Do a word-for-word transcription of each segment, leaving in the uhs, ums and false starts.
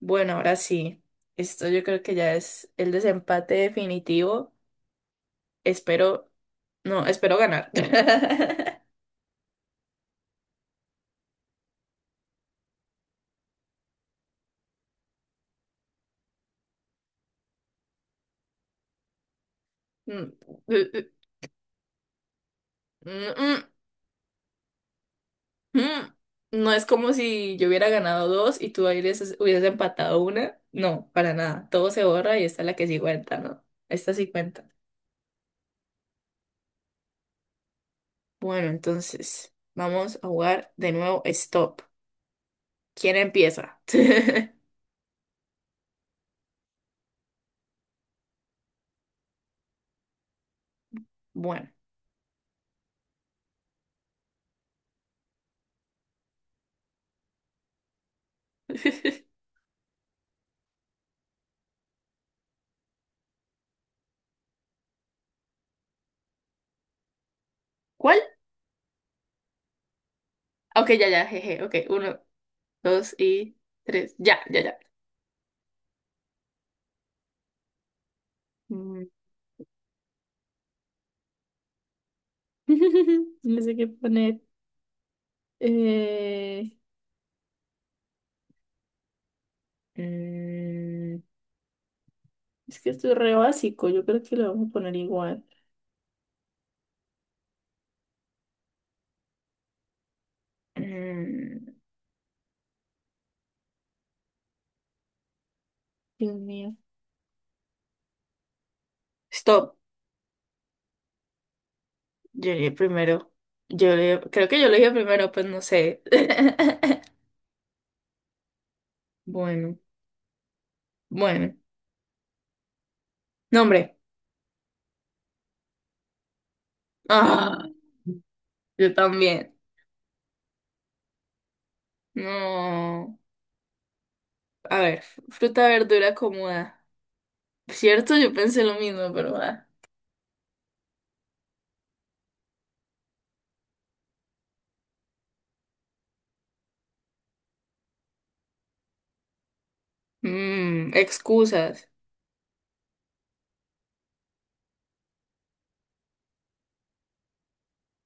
Bueno, ahora sí. Esto yo creo que ya es el desempate definitivo. Espero, no, espero ganar. Mm, eh, eh, mm, mm, mm. No es como si yo hubiera ganado dos y tú hubieses, hubieses empatado una. No, para nada. Todo se borra y esta es la que sí cuenta, ¿no? Esta sí cuenta. Bueno, entonces vamos a jugar de nuevo Stop. ¿Quién empieza? Bueno. ¿Cuál? Ok, ya, ya, jeje. Ok, uno, dos y tres. Ya, ya, ya. Mm. No sé qué poner. Eh, Mm, es que esto es re básico. Yo creo que lo vamos a poner igual. mm. Dios mío. Stop. Yo llegué primero. Yo le- creo que yo lo dije primero, pues no sé. Bueno, bueno. Nombre. Ah, yo también. No. A ver, fruta, verdura, cómoda. Cierto, yo pensé lo mismo, pero va. Mm, excusas.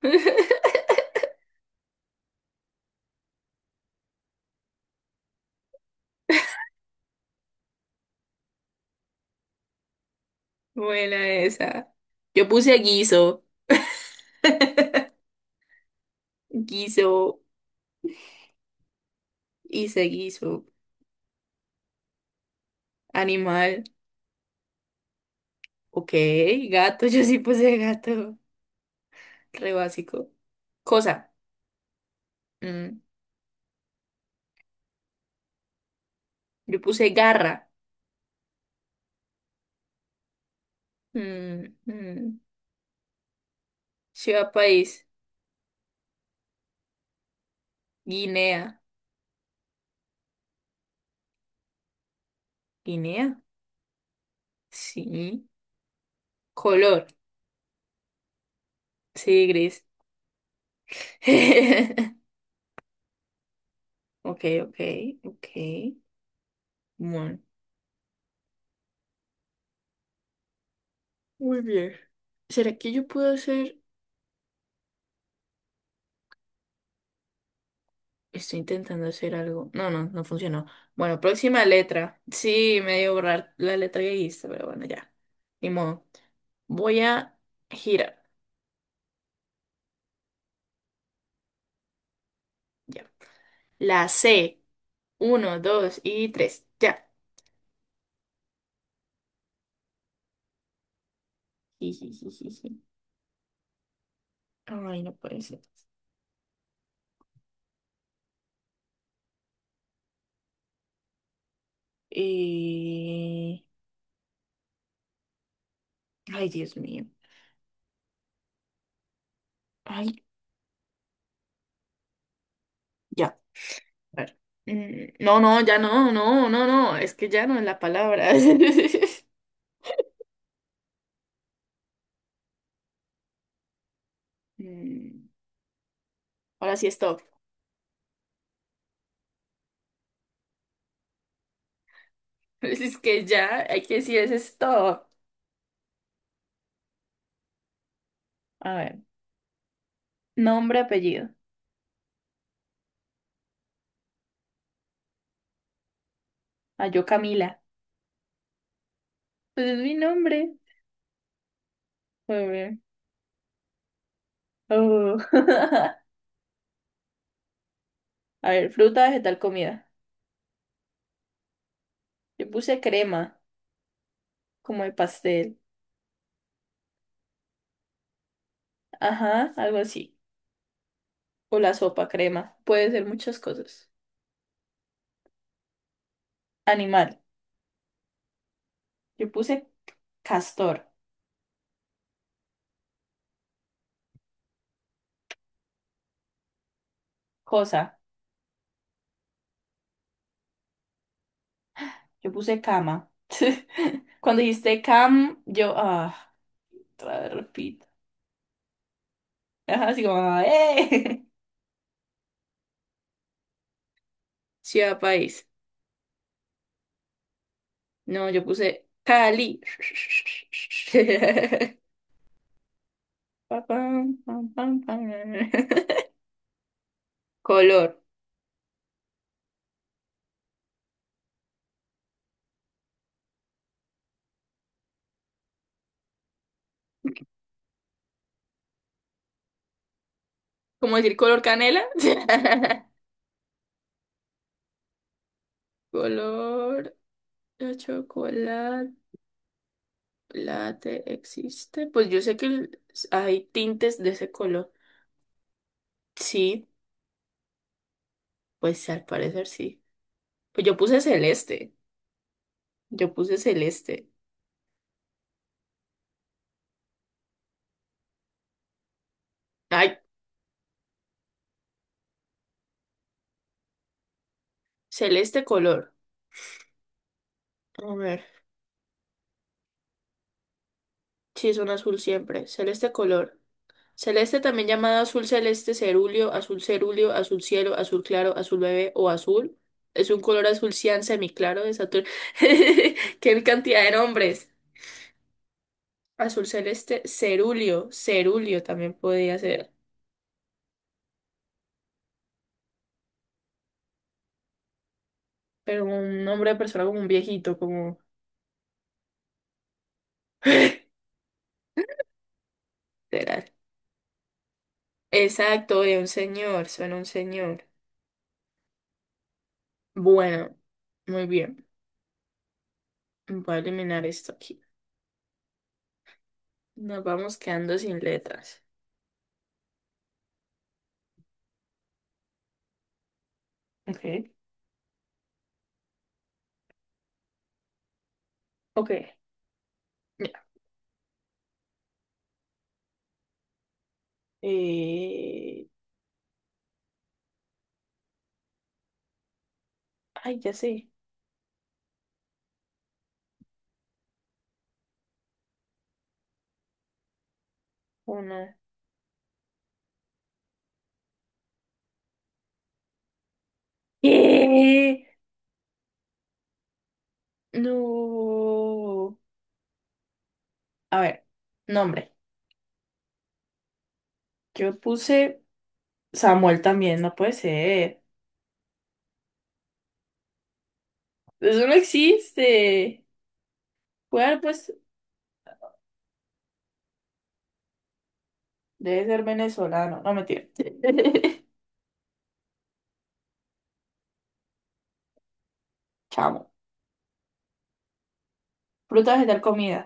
Buena esa. Yo puse guiso, guiso, hice guiso. Animal, ok. Gato, yo sí puse gato. Re básico. Cosa, mm, yo puse garra. Mm, mm. Ciudad, país, Guinea. ¿Guinea? Sí. Color, sí, gris. Ok, ok, ok. Bueno. Muy bien. ¿Será que yo puedo hacer? Estoy intentando hacer algo. No, no, no funcionó. Bueno, próxima letra. Sí, me dio borrar la letra que hice, pero bueno, ya. Ni modo. Voy a girar. Ya. La ce. Uno, dos y tres. Ya. Jijijiji. Ay, no puede ser. Eh, Ay, Dios mío. Ay, ya. A ver. Mm, No, no, ya no, no, no, no. Es que ya no es la palabra. Mm, Ahora sí, stop. Pues es que ya, hay que decir eso es todo. A ver, nombre, apellido. Ah, yo Camila. Pues es mi nombre. A ver. Oh. A ver, fruta, vegetal, comida. Yo puse crema, como de pastel. Ajá, algo así. O la sopa, crema. Puede ser muchas cosas. Animal. Yo puse castor. Cosa. Yo puse cama. Cuando dijiste cam, yo, ah, otra vez repito. Ajá, así como, ¡eh! Ciudad, país. No, yo puse Cali. Pa, pam, pam, pam, pam. Color. ¿Cómo decir color canela? Color de chocolate. Existe. Pues yo sé que el- hay tintes de ese color. Sí, pues al parecer sí. Pues yo puse celeste. Yo puse celeste. Ay, celeste color. A ver. Sí, es un azul siempre. Celeste color. Celeste, también llamado azul celeste, cerúleo, azul cerúleo, azul cielo, azul claro, azul bebé o azul, es un color azul cian semiclaro de Saturno. ¡Qué cantidad de nombres! Azul celeste, cerúleo, cerúleo también podía ser, pero un nombre de persona como un viejito, como... Literal. Exacto, de un señor, suena un señor. Bueno, muy bien. Voy a eliminar esto aquí. Nos vamos quedando sin letras. Ok. Ok, ya. Eh, Ay, ya sé. Uno. ¿Qué? No. A ver, nombre. Yo puse Samuel también, no puede ser. Eso no existe. Bueno, pues debe ser venezolano. No, mentira. Chamo. Fruta, vegetal, comida.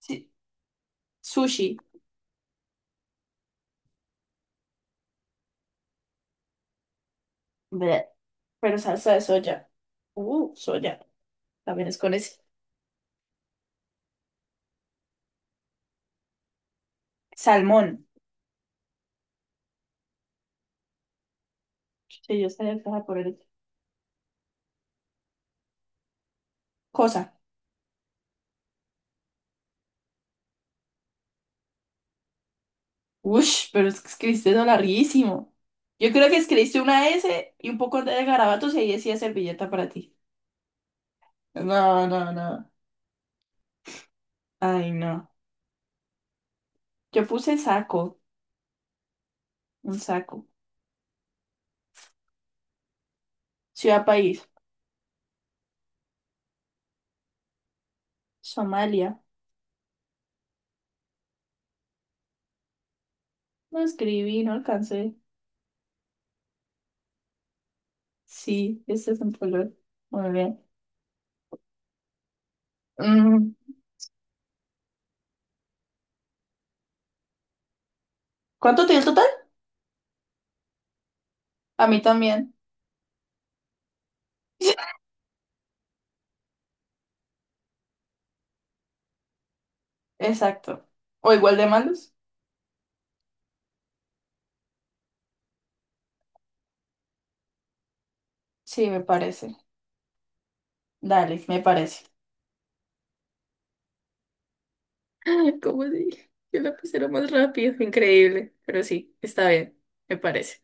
Sí. Sushi. Bleh. Pero salsa de soya. Uh, soya. También es con ese. Salmón. Sí, yo sabía que estaba por el... Cosa. Ush, pero es que escribiste eso larguísimo. Yo creo que escribiste una ese y un poco de garabatos y ahí decía servilleta para ti. No, no, no. Ay, no. Yo puse saco, un saco. Ciudad, país. Somalia. No escribí, no alcancé. Sí, este es un color. Muy bien. Mm, ¿Cuánto tiene el total? A mí también. Exacto. ¿O igual de malos? Sí, me parece. Dale, me parece. ¿Cómo dije, yo la puse más rápido, increíble, pero sí, está bien, me parece.